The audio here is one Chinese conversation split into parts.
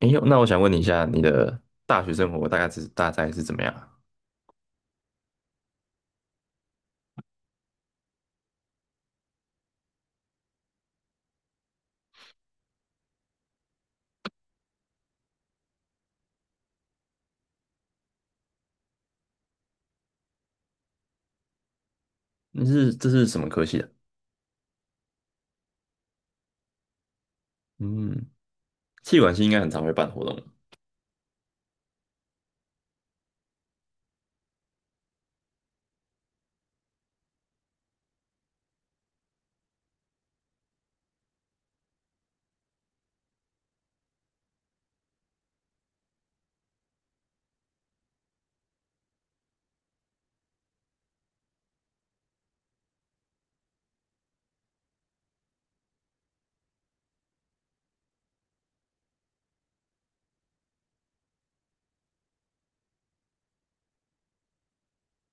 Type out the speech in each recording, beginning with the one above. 哎呦，那我想问你一下，你的大学生活大概是怎么样啊？这是什么科系的？嗯，气管系应该很常会办活动。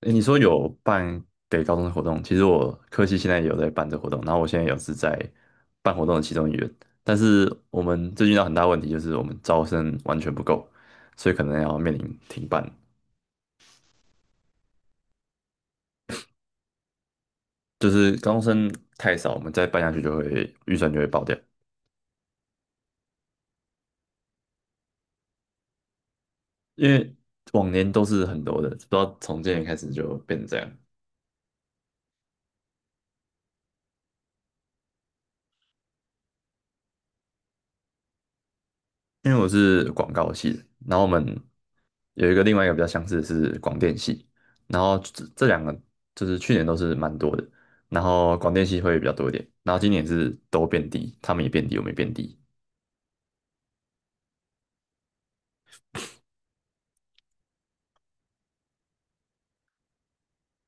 哎，你说有办给高中的活动，其实我科系现在也有在办这活动，然后我现在也是在办活动的其中一员，但是我们最近遇到很大问题，就是我们招生完全不够，所以可能要面临停办，就是高中生太少，我们再办下去就会预算就会爆掉，因为往年都是很多的，不知道从今年开始就变成这样。因为我是广告系的，然后我们有一个另外一个比较相似的是广电系，然后这两个就是去年都是蛮多的，然后广电系会比较多一点，然后今年是都变低，他们也变低，我们也变低。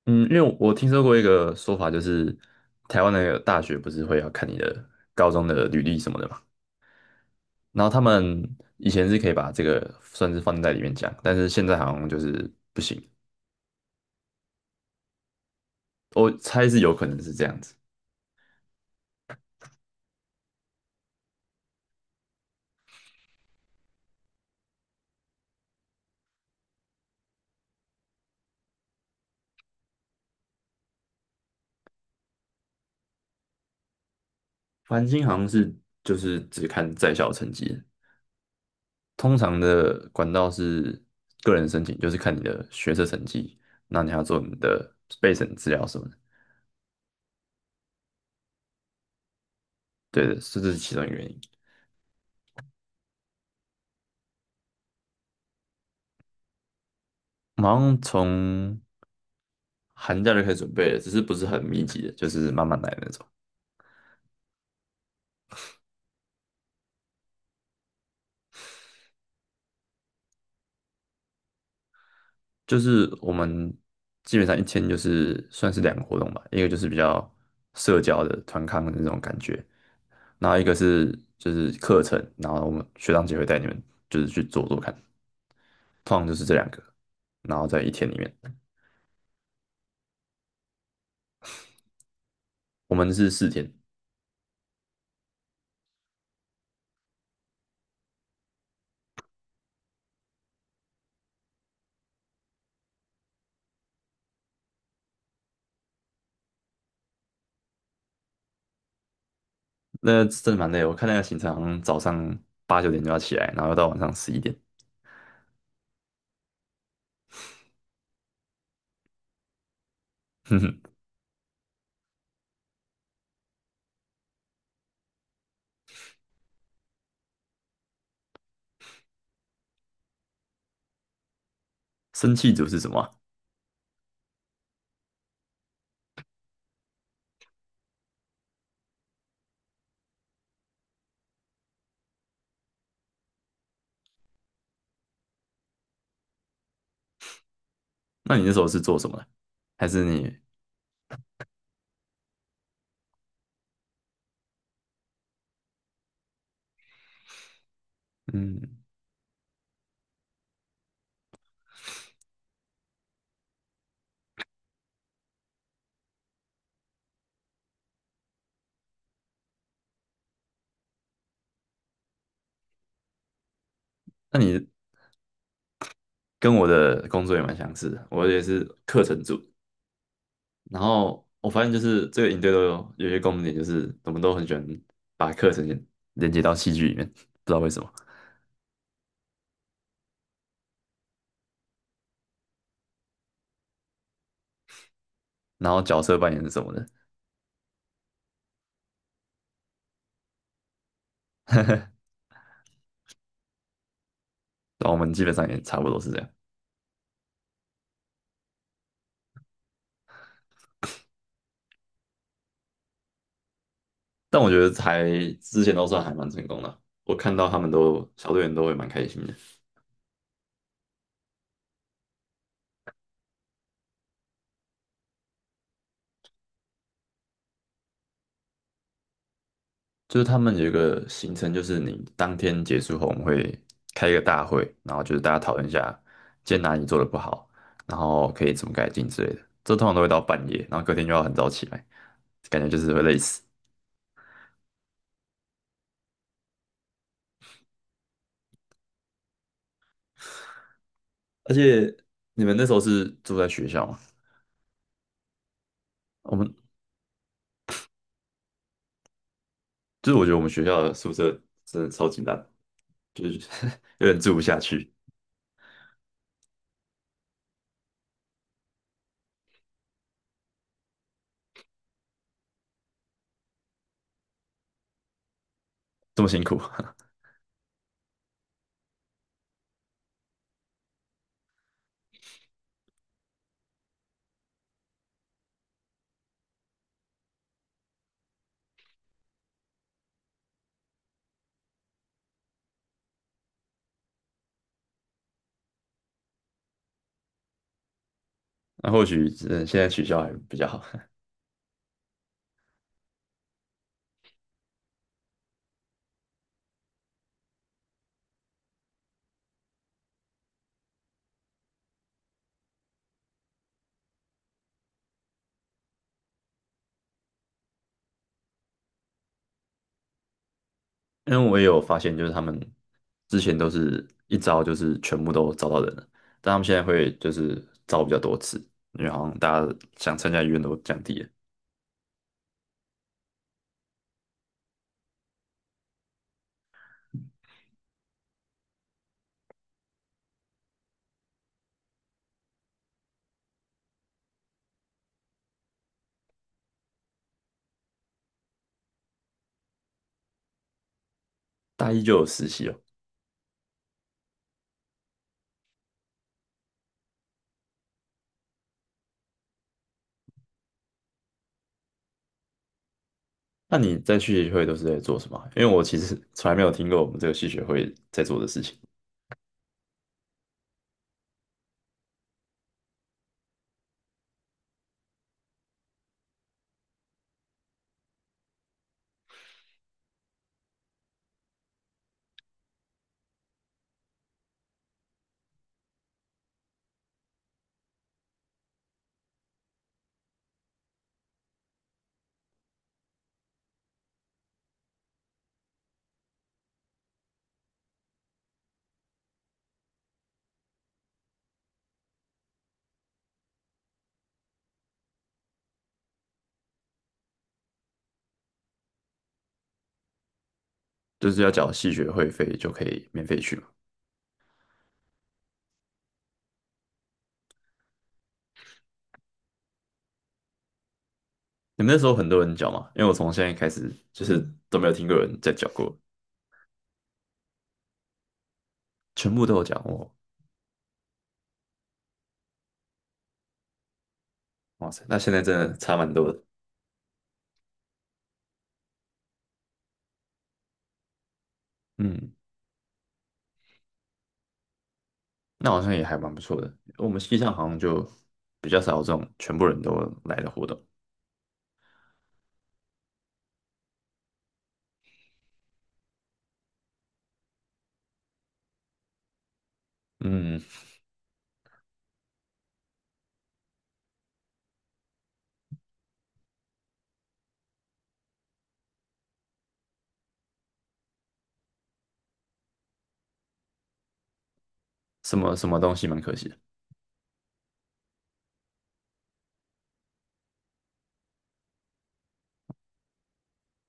嗯，因为我听说过一个说法，就是台湾的大学不是会要看你的高中的履历什么的嘛，然后他们以前是可以把这个算是放在里面讲，但是现在好像就是不行，我猜是有可能是这样子。繁星好像是就是只看在校成绩，通常的管道是个人申请，就是看你的学测成绩，那你还要做你的备审资料什么的。对的，是这是其中一个原因。我们好像从寒假就开始准备了，只是不是很密集的，就是慢慢来的那种。就是我们基本上一天就是算是两个活动吧，一个就是比较社交的团康的那种感觉，然后一个是就是课程，然后我们学长姐会带你们就是去做做看。通常就是这两个，然后在一天里面，我们是4天，那真的蛮累的，我看那个行程好像早上8、9点就要起来，然后到晚上11点。哼哼，生气组是什么啊？那你那时候是做什么的？还是你，嗯，那你跟我的工作也蛮相似的，我也是课程组。然后我发现就是这个营队都有些共同点，就是我们都很喜欢把课程连接到戏剧里面，不知道为什么。然后角色扮演是什么的，然后我们基本上也差不多是这样。但我觉得之前都算还蛮成功的啊。我看到他们都小队员都会蛮开心的，就是他们有一个行程，就是你当天结束后，我们会开一个大会，然后就是大家讨论一下今天哪里做的不好，然后可以怎么改进之类的。这通常都会到半夜，然后隔天就要很早起来，感觉就是会累死。而且你们那时候是住在学校吗？我们就是我觉得我们学校的宿舍真的超级烂，就是 有点住不下去，这么辛苦。那或许现在取消还比较好，因为我也有发现，就是他们之前都是一招就是全部都招到人了，但他们现在会就是招比较多次，因为好像大家想参加意愿都降低了。大一就有实习哦，那你在系学会都是在做什么啊？因为我其实 从来没有听过我们这个系学会在做的事情，就是要缴系学会费就可以免费去嘛。你们那时候很多人缴嘛？因为我从现在开始就是都没有听过有人在缴过，全部都有缴哦。哇塞，那现在真的差蛮多的。嗯，那好像也还蛮不错的。我们系上好像就比较少有这种全部人都来的活动。嗯，什么什么东西蛮可惜的。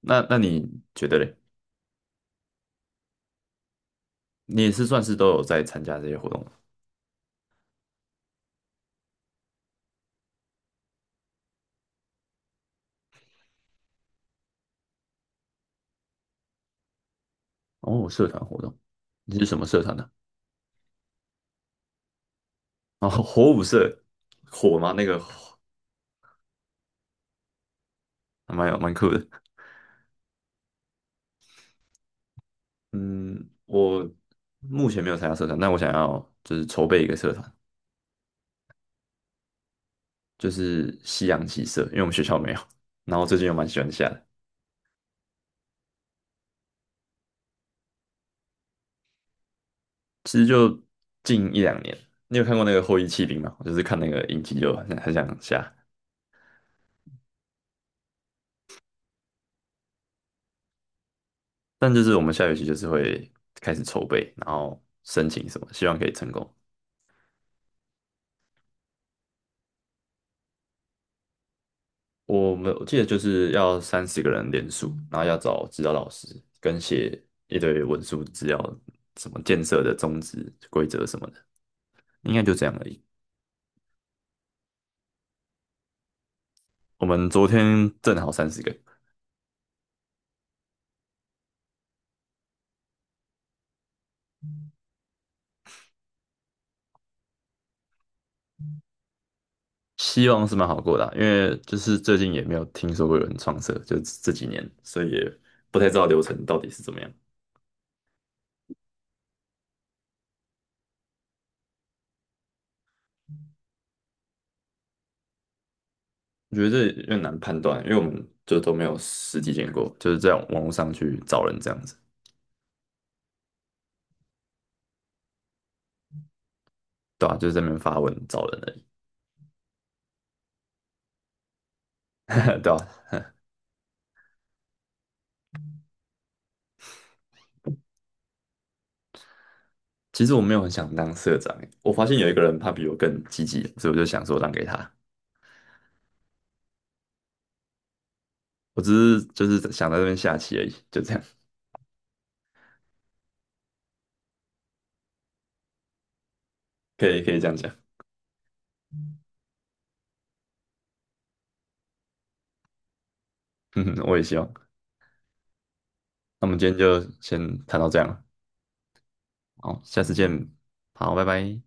那你觉得嘞？你也是算是都有在参加这些活动吗？哦，社团活动，你是什么社团呢？哦，火舞社，火吗？那个火还蛮酷的。嗯，我目前没有参加社团，但我想要就是筹备一个社团，就是西洋棋社，因为我们学校没有。然后最近又蛮喜欢下的。其实就近1、2年，你有看过那个《后翼弃兵》吗？我就是看那个影集就很想下，但就是我们下学期就是会开始筹备，然后申请什么，希望可以成功。我记得就是要30个人联署，然后要找指导老师跟写一堆文书资料，什么建设的宗旨、规则什么的，应该就这样而已。我们昨天正好三十个，希望是蛮好过的啊，因为就是最近也没有听说过有人创社，就这几年，所以也不太知道流程到底是怎么样。我觉得这有点难判断啊，因为我们就都没有实际见过，就是在网络上去找人这样子，对啊？就是在那边发文找人而已，对啊？其实我没有很想当社长欸，我发现有一个人他比我更积极，所以我就想说让给他。我只是就是想在这边下棋而已，就这样，可以可以这样讲，嗯，我也希望。那我们今天就先谈到这样了，好，下次见，好，拜拜。